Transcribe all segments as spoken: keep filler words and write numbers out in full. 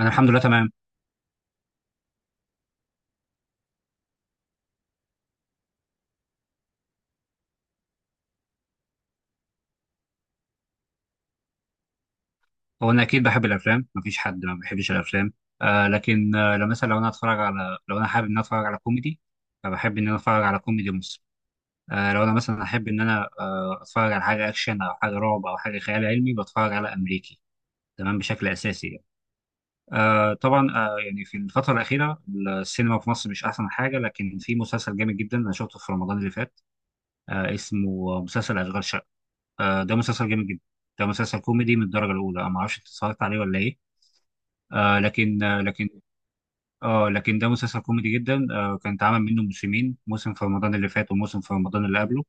انا الحمد لله تمام. هو انا اكيد بحب الافلام، مفيش حد ما بيحبش الافلام. آه لكن آه لو مثلا لو انا اتفرج على لو انا حابب ان انا اتفرج على كوميدي، فبحب ان انا اتفرج على كوميدي مصري. آه لو انا مثلا احب ان انا آه اتفرج على حاجه اكشن او حاجه رعب او حاجه خيال علمي، بتفرج على امريكي. تمام، بشكل اساسي يعني. آه طبعا آه يعني في الفتره الاخيره السينما في مصر مش احسن حاجه، لكن في مسلسل جامد جدا انا شفته في رمضان اللي فات، آه اسمه مسلسل اشغال شقه. آه ده مسلسل جامد جدا، ده مسلسل كوميدي من الدرجه الاولى. أنا ما اعرفش انت اتفرجت عليه ولا ايه؟ آه لكن آه لكن اه لكن ده مسلسل كوميدي جدا، آه كان اتعمل منه موسمين، موسم في رمضان اللي فات وموسم في رمضان اللي قبله.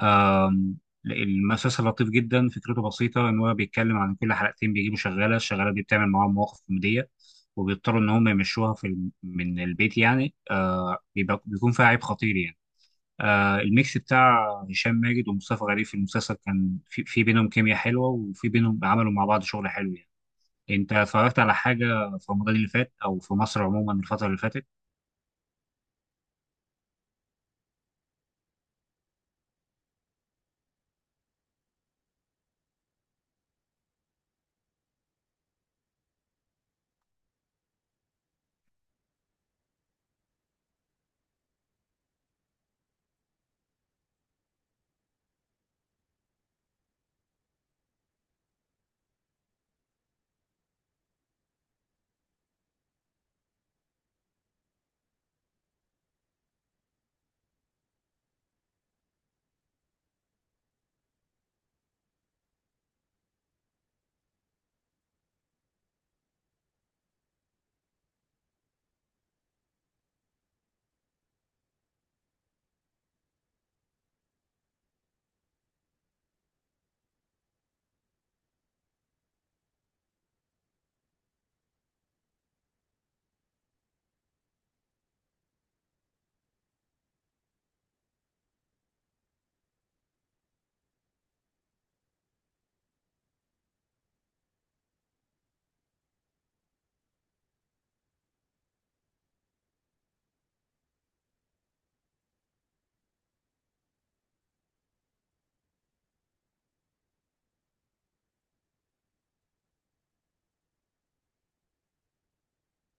آم، المسلسل لطيف جدا، فكرته بسيطة ان هو بيتكلم عن كل حلقتين بيجيبوا شغالة، الشغالة دي بتعمل معاهم مواقف كوميدية وبيضطروا ان هم يمشوها في الم- من البيت، يعني آه بيبقى بيكون فيها عيب خطير يعني. آه الميكس بتاع هشام ماجد ومصطفى غريب في المسلسل كان في, في بينهم كيمياء حلوة، وفي بينهم عملوا مع بعض شغل حلو يعني. انت اتفرجت على حاجه في رمضان اللي فات او في مصر عموما الفتره اللي فاتت؟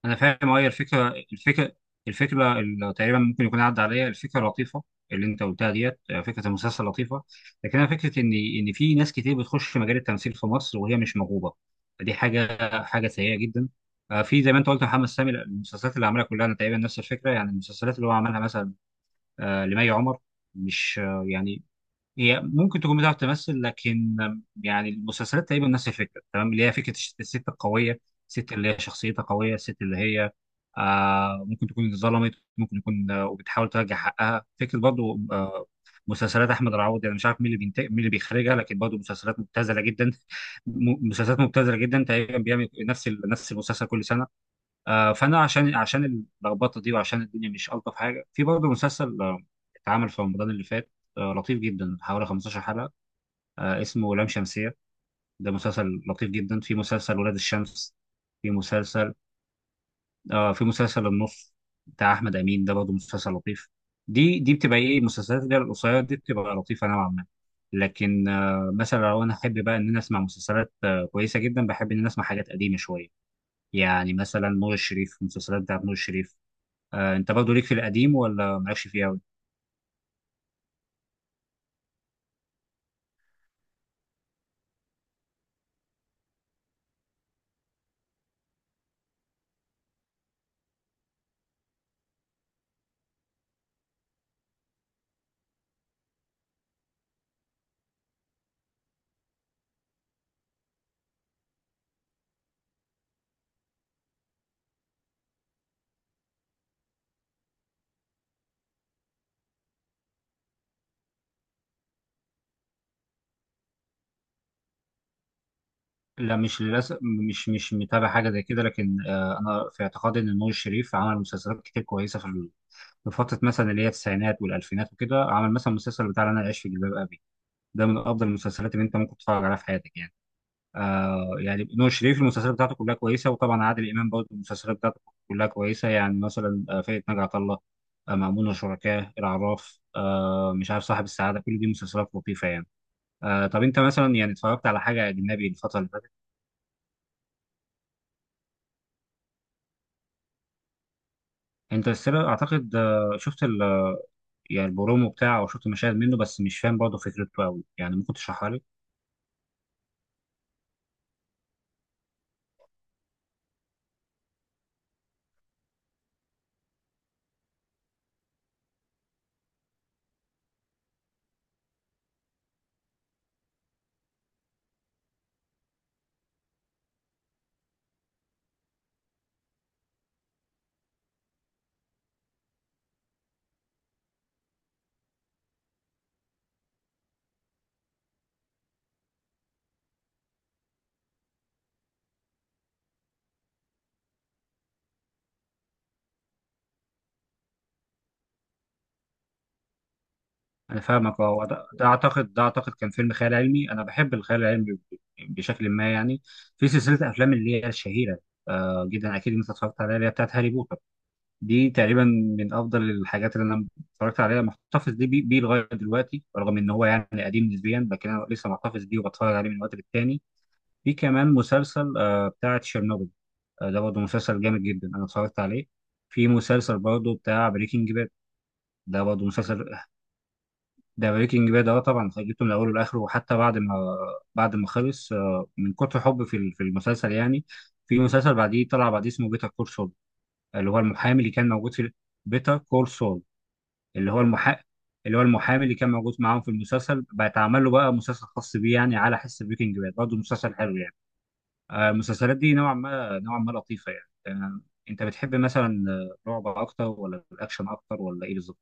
انا فاهم، اه، هي الفكره الفكره الفكره اللي تقريبا ممكن يكون عدى عليا. الفكره لطيفه اللي انت قلتها ديت، فكره المسلسل لطيفه، لكن انا فكره ان ان في ناس كتير بتخش مجال التمثيل في مصر وهي مش موهوبه، فدي حاجه حاجه سيئه جدا. آه، في زي ما انت قلت محمد سامي، المسلسلات اللي عملها كلها انا تقريبا نفس الفكره، يعني المسلسلات اللي هو عملها مثلا آه، لمي عمر، مش آه، يعني هي ممكن تكون بتعرف تمثل، لكن يعني المسلسلات تقريبا نفس الفكره، تمام، اللي هي فكره الش- الست القويه، الست اللي هي شخصيتها قويه، الست اللي هي آه ممكن تكون اتظلمت، ممكن يكون آه وبتحاول ترجع حقها، فكره برضو آه مسلسلات احمد العوضي. انا مش عارف مين اللي بينتج مين اللي بيخرجها، لكن برضو مسلسلات مبتذله جدا. م- مسلسلات مبتذله جدا، تقريبا بيعمل نفس ال- نفس المسلسل كل سنه. آه، فانا عشان عشان اللخبطه دي وعشان الدنيا مش الطف حاجه، في برضه مسلسل آه، اتعمل في رمضان اللي فات، آه، لطيف جدا، حوالي خمسة عشر حلقه، آه، اسمه لام شمسيه، ده مسلسل لطيف جدا. في مسلسل ولاد الشمس، في مسلسل آه في مسلسل النص بتاع احمد امين، ده برضه مسلسل لطيف. دي دي بتبقى ايه المسلسلات اللي هي القصيره دي، بتبقى لطيفه نوعا ما. لكن آه مثلا لو انا احب بقى ان انا اسمع مسلسلات آه كويسه جدا، بحب ان انا اسمع حاجات قديمه شويه، يعني مثلا نور الشريف، المسلسلات بتاعت نور الشريف. آه، انت برضه ليك في القديم ولا مالكش فيه قوي؟ لا، مش للاسف، مش مش متابع حاجه زي كده. لكن آه، انا في اعتقادي ان نور الشريف عمل مسلسلات كتير كويسه في ال- في فتره مثلا اللي هي التسعينات والالفينات وكده. عمل مثلا المسلسل بتاع انا عايش في جلباب ابي، ده من افضل المسلسلات اللي انت ممكن تتفرج عليها في حياتك يعني. آه يعني نور الشريف المسلسلات بتاعته كلها كويسه، وطبعا عادل امام برضه المسلسلات بتاعته كلها كويسه، يعني مثلا آه، فرقه ناجي عطا الله، آه، مأمون وشركاه، العراف، آه مش عارف، صاحب السعاده، كل دي مسلسلات لطيفه يعني. آه طب انت مثلا يعني اتفرجت على حاجه اجنبي الفتره اللي فاتت؟ انترستيلر اعتقد آه شفت ال يعني البرومو بتاعه، او شفت مشاهد منه، بس مش فاهم برضه فكرته قوي، يعني ممكن تشرحها لي. انا فاهمك، اه، هو ده ده اعتقد ده اعتقد كان فيلم خيال علمي، انا بحب الخيال العلمي بشكل ما يعني. في سلسله افلام اللي هي الشهيره آه جدا، اكيد انت اتفرجت عليها، اللي هي بتاعت هاري بوتر، دي تقريبا من افضل الحاجات اللي انا اتفرجت عليها، محتفظ دي بيه بيه لغايه دلوقتي، رغم ان هو يعني قديم نسبيا، لكن انا لسه محتفظ بيه وبتفرج عليه من وقت للتاني. في كمان مسلسل آه، بتاع تشيرنوبل، آه، ده برضه مسلسل جامد جدا انا اتفرجت عليه. في مسلسل برضه بتاع بريكنج باد، ده برضه مسلسل ده بريكنج باد ده طبعا خليته من اوله لاخره، وحتى بعد ما بعد ما خلص، آه، من كتر حب في ال- في المسلسل يعني. في مسلسل بعديه طلع بعديه اسمه بيتر كول سول، اللي هو المحامي اللي كان موجود في بيتر كول سول اللي هو المحا اللي هو المحامي اللي كان موجود معاهم في المسلسل، بقى اتعمل له بقى مسلسل خاص بيه يعني على حس بريكنج باد، برضه مسلسل حلو يعني. آه، المسلسلات دي نوعا ما نوعا ما لطيفة يعني. آه، انت بتحب مثلا آه، رعب اكتر ولا الاكشن اكتر ولا ايه بالظبط؟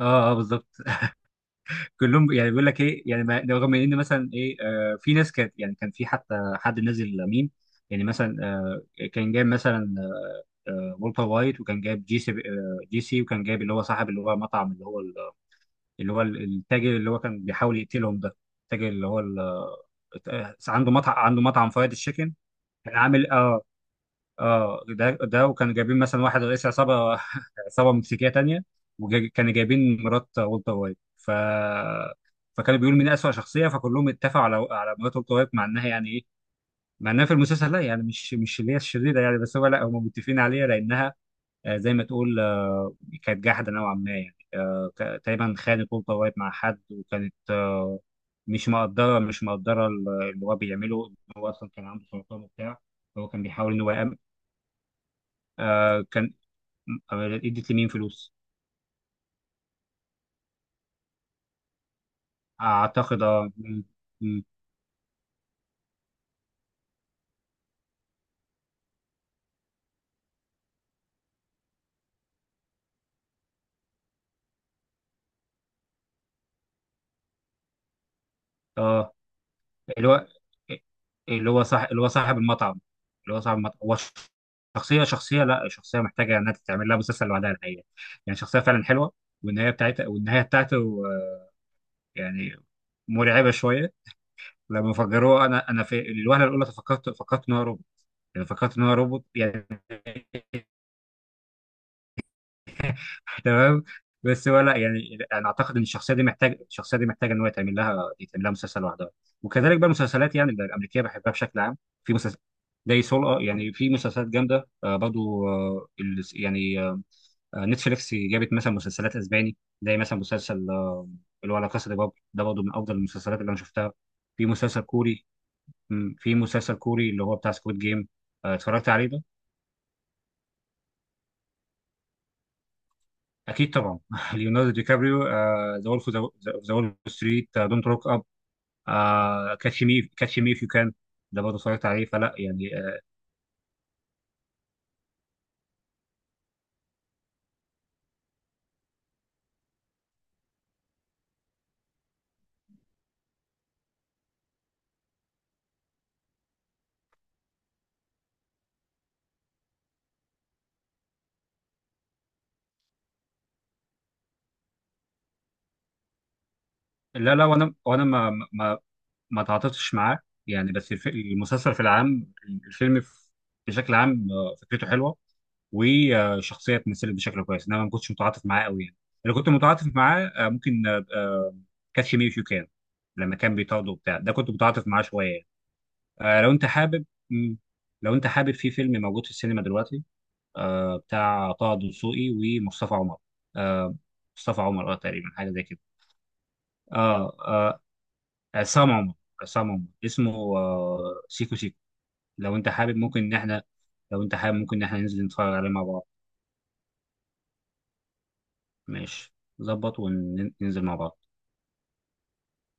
اه اه بالظبط. كلهم يعني بيقول لك ايه يعني، ما- رغم ان مثلا ايه، آه في ناس كانت يعني، كان في حتى حد نازل ميم، يعني مثلا آه كان جايب مثلا آه والتر وايت، وكان جايب جي سي، آه جي سي وكان جايب اللي هو صاحب، اللي هو مطعم، اللي هو ال- اللي هو ال- التاجر اللي هو كان بيحاول يقتلهم ده، التاجر اللي هو ال- آه، عنده مطعم، عنده مطعم فرايد تشيكن، كان عامل اه. اه ده ده وكانوا جايبين مثلا واحد رئيس عصابه، عصابه مكسيكيه تانية، وكانوا جايبين مرات والتر وايت، ف فكانوا بيقولوا مين اسوأ شخصيه، فكلهم اتفقوا على على مرات والتر وايت، مع انها يعني ايه، مع انها في المسلسل لا، يعني مش مش اللي هي الشريره يعني، بس هو لا، هم متفقين عليها لانها آه، زي ما تقول آه، كانت جاحده نوعا ما يعني. آه، ك- تقريبا خانت والتر وايت مع حد، وكانت آه، مش مقدره مش مقدره ال- اللي هو بيعمله، إن هو اصلا كان عنده سرطان وبتاع. هو كان بيحاول ان هو يأمن آه، كان أم- ادت لمين فلوس؟ اعتقد اه م- م- اه، اللي هو اللي هو صاحب اللي هو صاحب المطعم، اللي هو صاحب المطعم هو شخصيه، شخصيه لا شخصيه محتاجه انها تتعمل لها مسلسل لوحدها، الحقيقه يعني شخصيه فعلا حلوه. والنهايه بتاعتها والنهايه بتاعته آه، يعني مرعبه شويه. لما فجروه، انا انا في الوهله الاولى فكرت فكرت ان هو روبوت، يعني فكرت ان هو روبوت يعني. تمام، بس هو لا، يعني انا اعتقد ان الشخصيه دي محتاج، الشخصيه دي محتاجه ان هو يتعمل لها، يتعمل لها مسلسل لوحدها. وكذلك بقى المسلسلات يعني الامريكيه بحبها بشكل عام، في مسلسل زي سول، آه، يعني في مسلسلات جامده آه برضو آه ال- يعني آه آه، نتفليكس جابت مثلا مسلسلات اسباني، زي مثلا مسلسل آه، اللي هو لا كاسا دي بابل، ده برضه من افضل المسلسلات اللي انا شفتها. في مسلسل كوري، مم، في مسلسل كوري اللي هو بتاع سكويد جيم، اتفرجت عليه ده؟ اكيد طبعا. ليوناردو دي كابريو، ذا وولف ذا وول ستريت، دونت روك اب، كاتش مي كاتش مي اف يو كان، ده برضه اتفرجت عليه، فلا يعني آه، لا لا، وانا وانا ما ما ما تعاطفتش معاه يعني. بس الف- المسلسل في العام الفيلم في- بشكل عام آه، فكرته حلوه، وشخصيه اتمثلت بشكل كويس، انما ما كنتش متعاطف معاه قوي يعني. اللي كنت متعاطف معاه آه، ممكن كاتش مي اف يو كان، لما كان بيطارده وبتاع ده، كنت متعاطف معاه شويه يعني. آه لو انت حابب، مم. لو انت حابب، في فيلم موجود في السينما دلوقتي آه بتاع طه دسوقي ومصطفى عمر، آه مصطفى عمر اه تقريبا حاجه زي كده. اه آه، عصام عمر عصام عمر اسمه، آه سيكو سيكو. لو انت حابب ممكن ان احنا لو انت حابب ممكن ان احنا ننزل نتفرج عليه مع بعض. ماشي، ظبط، وننزل مع بعض.